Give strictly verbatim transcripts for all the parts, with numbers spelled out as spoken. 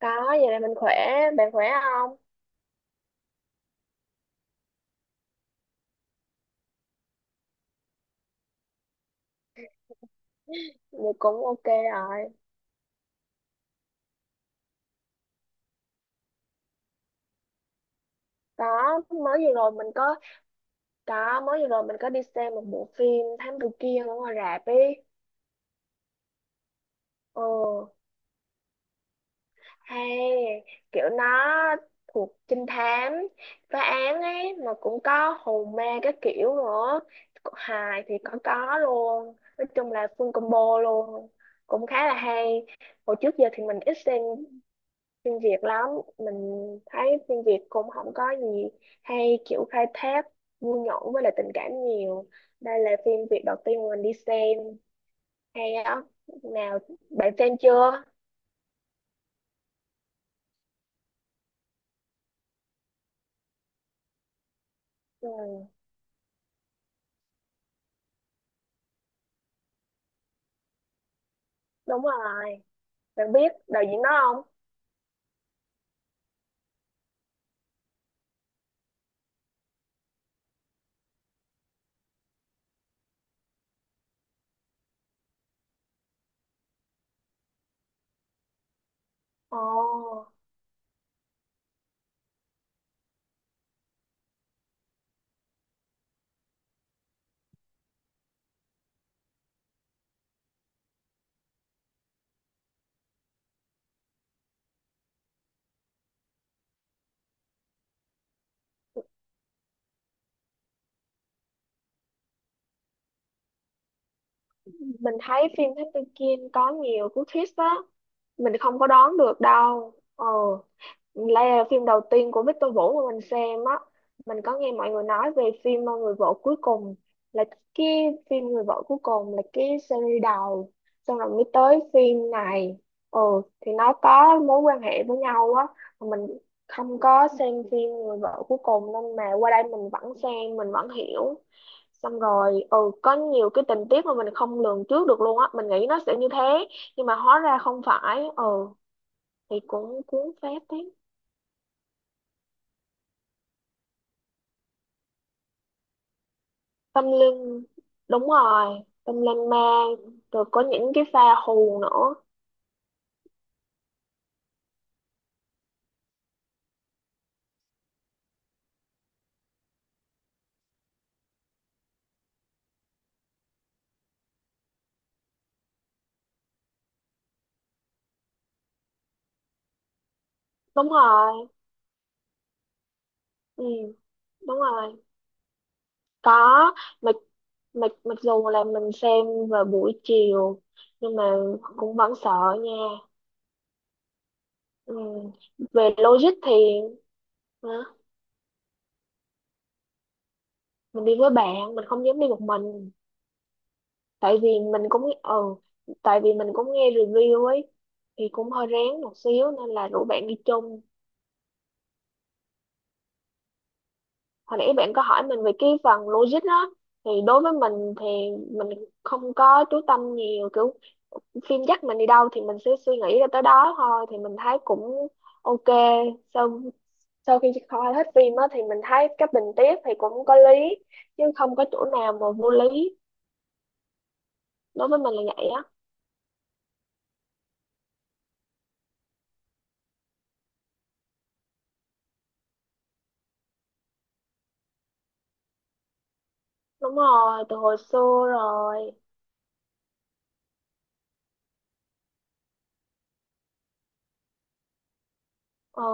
Có, vậy là mình khỏe, bạn khỏe không? Vậy cũng ok rồi. Có, mới vừa rồi mình có, có, mới vừa rồi mình có đi xem một bộ phim Thám Tử Kiên ở ngoài rạp ý. Ừ, hay, kiểu nó thuộc trinh thám, phá án ấy, mà cũng có hồn ma các kiểu nữa. Hài thì có có luôn, nói chung là full combo luôn. Cũng khá là hay. Hồi trước giờ thì mình ít xem phim Việt lắm, mình thấy phim Việt cũng không có gì hay, kiểu khai thác vui nhộn với lại tình cảm nhiều. Đây là phim Việt đầu tiên mình đi xem hay á nào. Bạn xem chưa? Ừ, đúng rồi. Bạn biết đạo diễn đó không? Ồ, mình thấy phim Thám Tử Kiên có nhiều cú twist á, mình không có đoán được đâu. Ờ, đây là phim đầu tiên của Victor Vũ mà mình xem á. Mình có nghe mọi người nói về phim ờ, Người vợ cuối cùng, là cái phim Người vợ cuối cùng là cái series đầu. Xong rồi mới tới phim này. Ừ, thì nó có mối quan hệ với nhau á. Mà mình không có xem phim Người vợ cuối cùng nên mà qua đây mình vẫn xem, mình vẫn hiểu. Xong rồi, ừ, có nhiều cái tình tiết mà mình không lường trước được luôn á. Mình nghĩ nó sẽ như thế, nhưng mà hóa ra không phải. Ừ, thì cũng cuốn phết thế. Tâm linh, đúng rồi, tâm linh ma, rồi có những cái pha hù nữa. Đúng rồi. Ừ, đúng rồi, có. Mặc mặc mặc dù là mình xem vào buổi chiều nhưng mà cũng vẫn sợ nha. Ừ. Về logic thì, hả? Mình đi với bạn, mình không dám đi một mình. Tại vì mình cũng, ừ, tại vì mình cũng nghe review ấy thì cũng hơi rén một xíu nên là rủ bạn đi chung. Hồi nãy bạn có hỏi mình về cái phần logic đó, thì đối với mình thì mình không có chú tâm nhiều, kiểu phim dắt mình đi đâu thì mình sẽ suy nghĩ ra tới đó thôi, thì mình thấy cũng ok. Sau sau khi coi hết phim á thì mình thấy cái tình tiết thì cũng có lý, chứ không có chỗ nào mà vô lý. Đối với mình là vậy á. Đúng rồi, từ hồi xưa rồi. Ờ,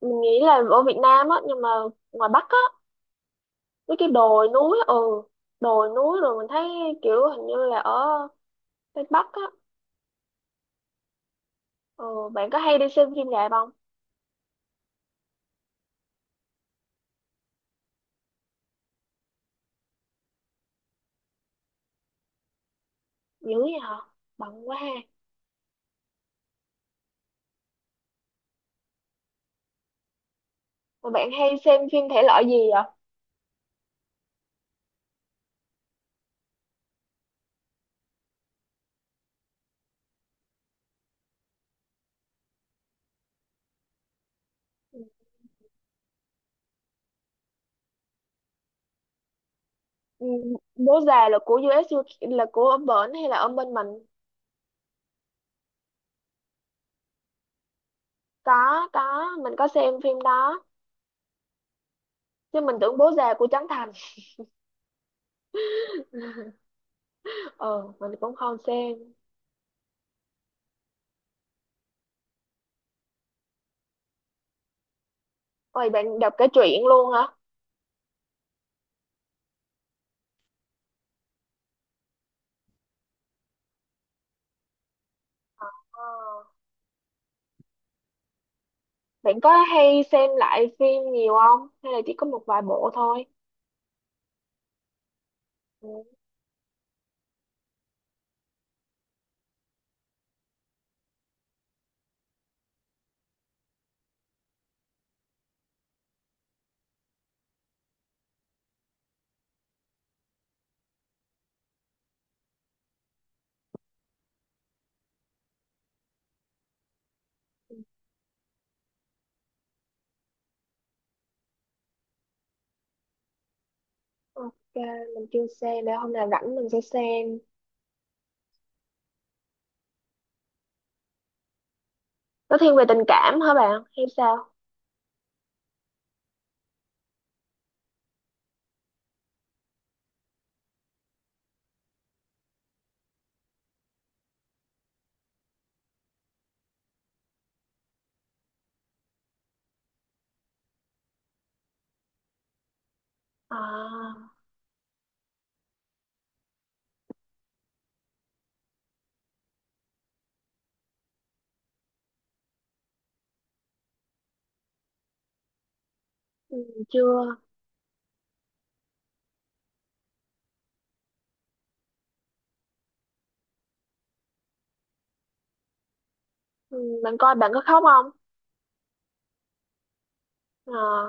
mình nghĩ là ở Việt Nam á, nhưng mà ngoài Bắc á, với cái đồi núi. Ừ, đồi núi, rồi mình thấy kiểu hình như là ở Tây Bắc á. Ờ, bạn có hay đi xem phim rạp không? Dữ vậy hả? Bận quá ha. Mà bạn hay xem phim thể loại gì vậy? Ừ, bố già là của u ét u ca, là của ông Bển hay là ông bên mình? có có mình có xem phim đó. Chứ mình tưởng bố già của Trấn Thành. Ờ, mình cũng không xem. Ôi, bạn đọc cả truyện luôn hả? Ờ. Bạn có hay xem lại phim nhiều không, hay là chỉ có một vài bộ thôi? Ừ. Ok, mình chưa xem, để hôm nào rảnh mình sẽ xem. Nó thiên về tình cảm hả bạn, hay sao? À, ừ, chưa. Ừ, bạn coi bạn có khóc không? À,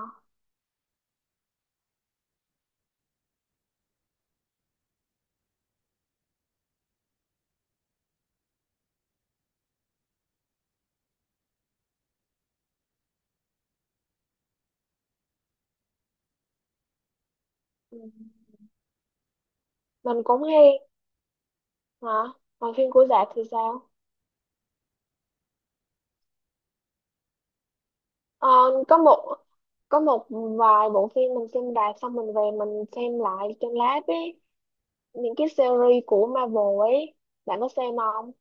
ừ, mình cũng hay. Hả? Còn phim của Đạt thì sao? Ờ, có một có một vài bộ phim mình xem rạp xong mình về mình xem lại trên lát ấy, những cái series của Marvel ấy, bạn có xem không?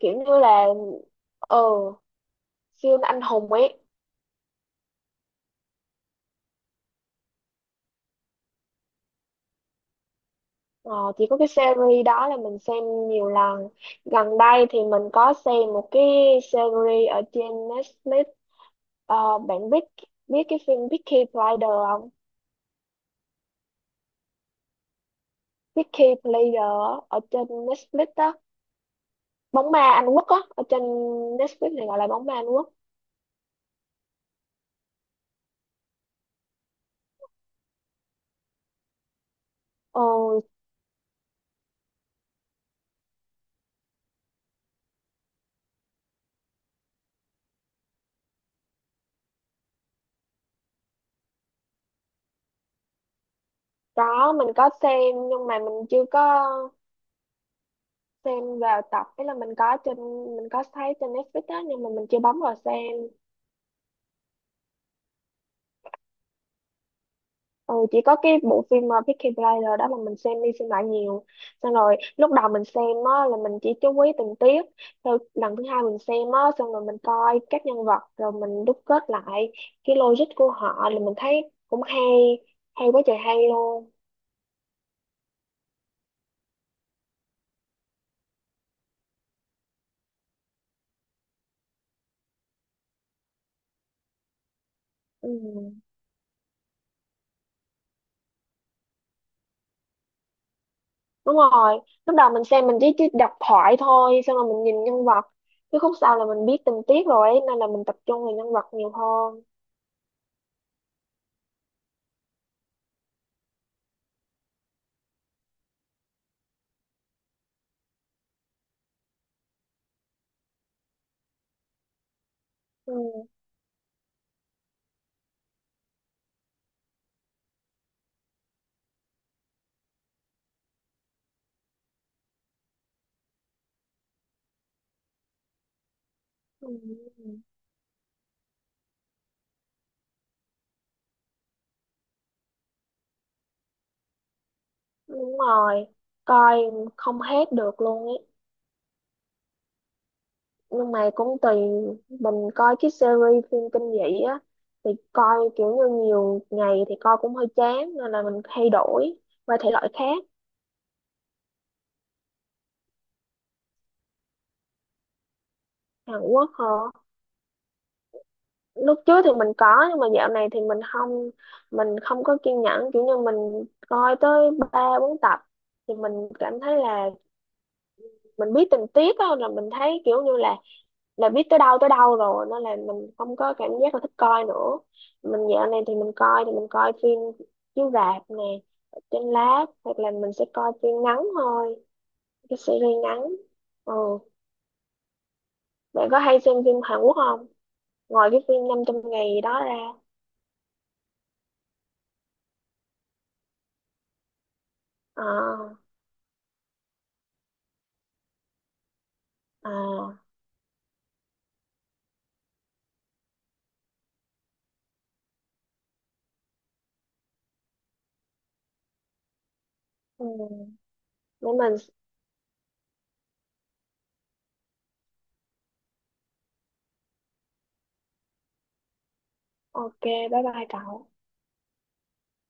Kiểu như là, ờ, siêu anh hùng ấy. Ờ, chỉ có cái series đó là mình xem nhiều lần. Gần đây thì mình có xem một cái series ở trên Netflix. Ờ, bạn biết biết cái phim Peaky Blinders không? Peaky Blinders ở trên Netflix đó. Bóng ma Anh Quốc á, ở trên Netflix này, gọi là bóng ma Anh Quốc. Ờ, có, mình có xem nhưng mà mình chưa có xem vào tập. Ý là mình có trên, mình có thấy trên Netflix á, nhưng mà mình chưa bấm vào xem. Ừ, chỉ có cái bộ phim uh, Peaky Blinders đó mà mình xem đi xem lại nhiều. Xong rồi lúc đầu mình xem á, là mình chỉ chú ý tình tiết, sau lần thứ hai mình xem á, xong rồi mình coi các nhân vật rồi mình đúc kết lại cái logic của họ, là mình thấy cũng hay, hay quá trời hay luôn. Ừ. Đúng rồi, lúc đầu mình xem mình chỉ, chỉ đọc thoại thôi, xong rồi mình nhìn nhân vật, chứ khúc sau là mình biết tình tiết rồi ấy, nên là mình tập trung vào nhân vật nhiều hơn. Ừ. Ừ. Ừ. Đúng rồi, coi không hết được luôn ấy. Nhưng mà cũng tùy, mình coi cái series phim kinh dị á thì coi kiểu như nhiều ngày thì coi cũng hơi chán, nên là mình thay đổi qua thể loại khác. Hàn Quốc hả? Lúc trước thì mình có, nhưng mà dạo này thì mình không, mình không có kiên nhẫn, kiểu như mình coi tới ba bốn tập thì mình cảm thấy là mình biết tình tiết á, là mình thấy kiểu như là là biết tới đâu tới đâu rồi, nên là mình không có cảm giác là thích coi nữa. Mình dạo này thì mình coi, thì mình coi phim chiếu rạp nè, ở trên lát, hoặc là mình sẽ coi phim ngắn thôi, cái series ngắn. Ừ. Bạn có hay xem phim Hàn Quốc không, ngoài cái phim năm trăm ngày đó ra? À. À. Ừ. Để mình. Ok, bye bye cậu.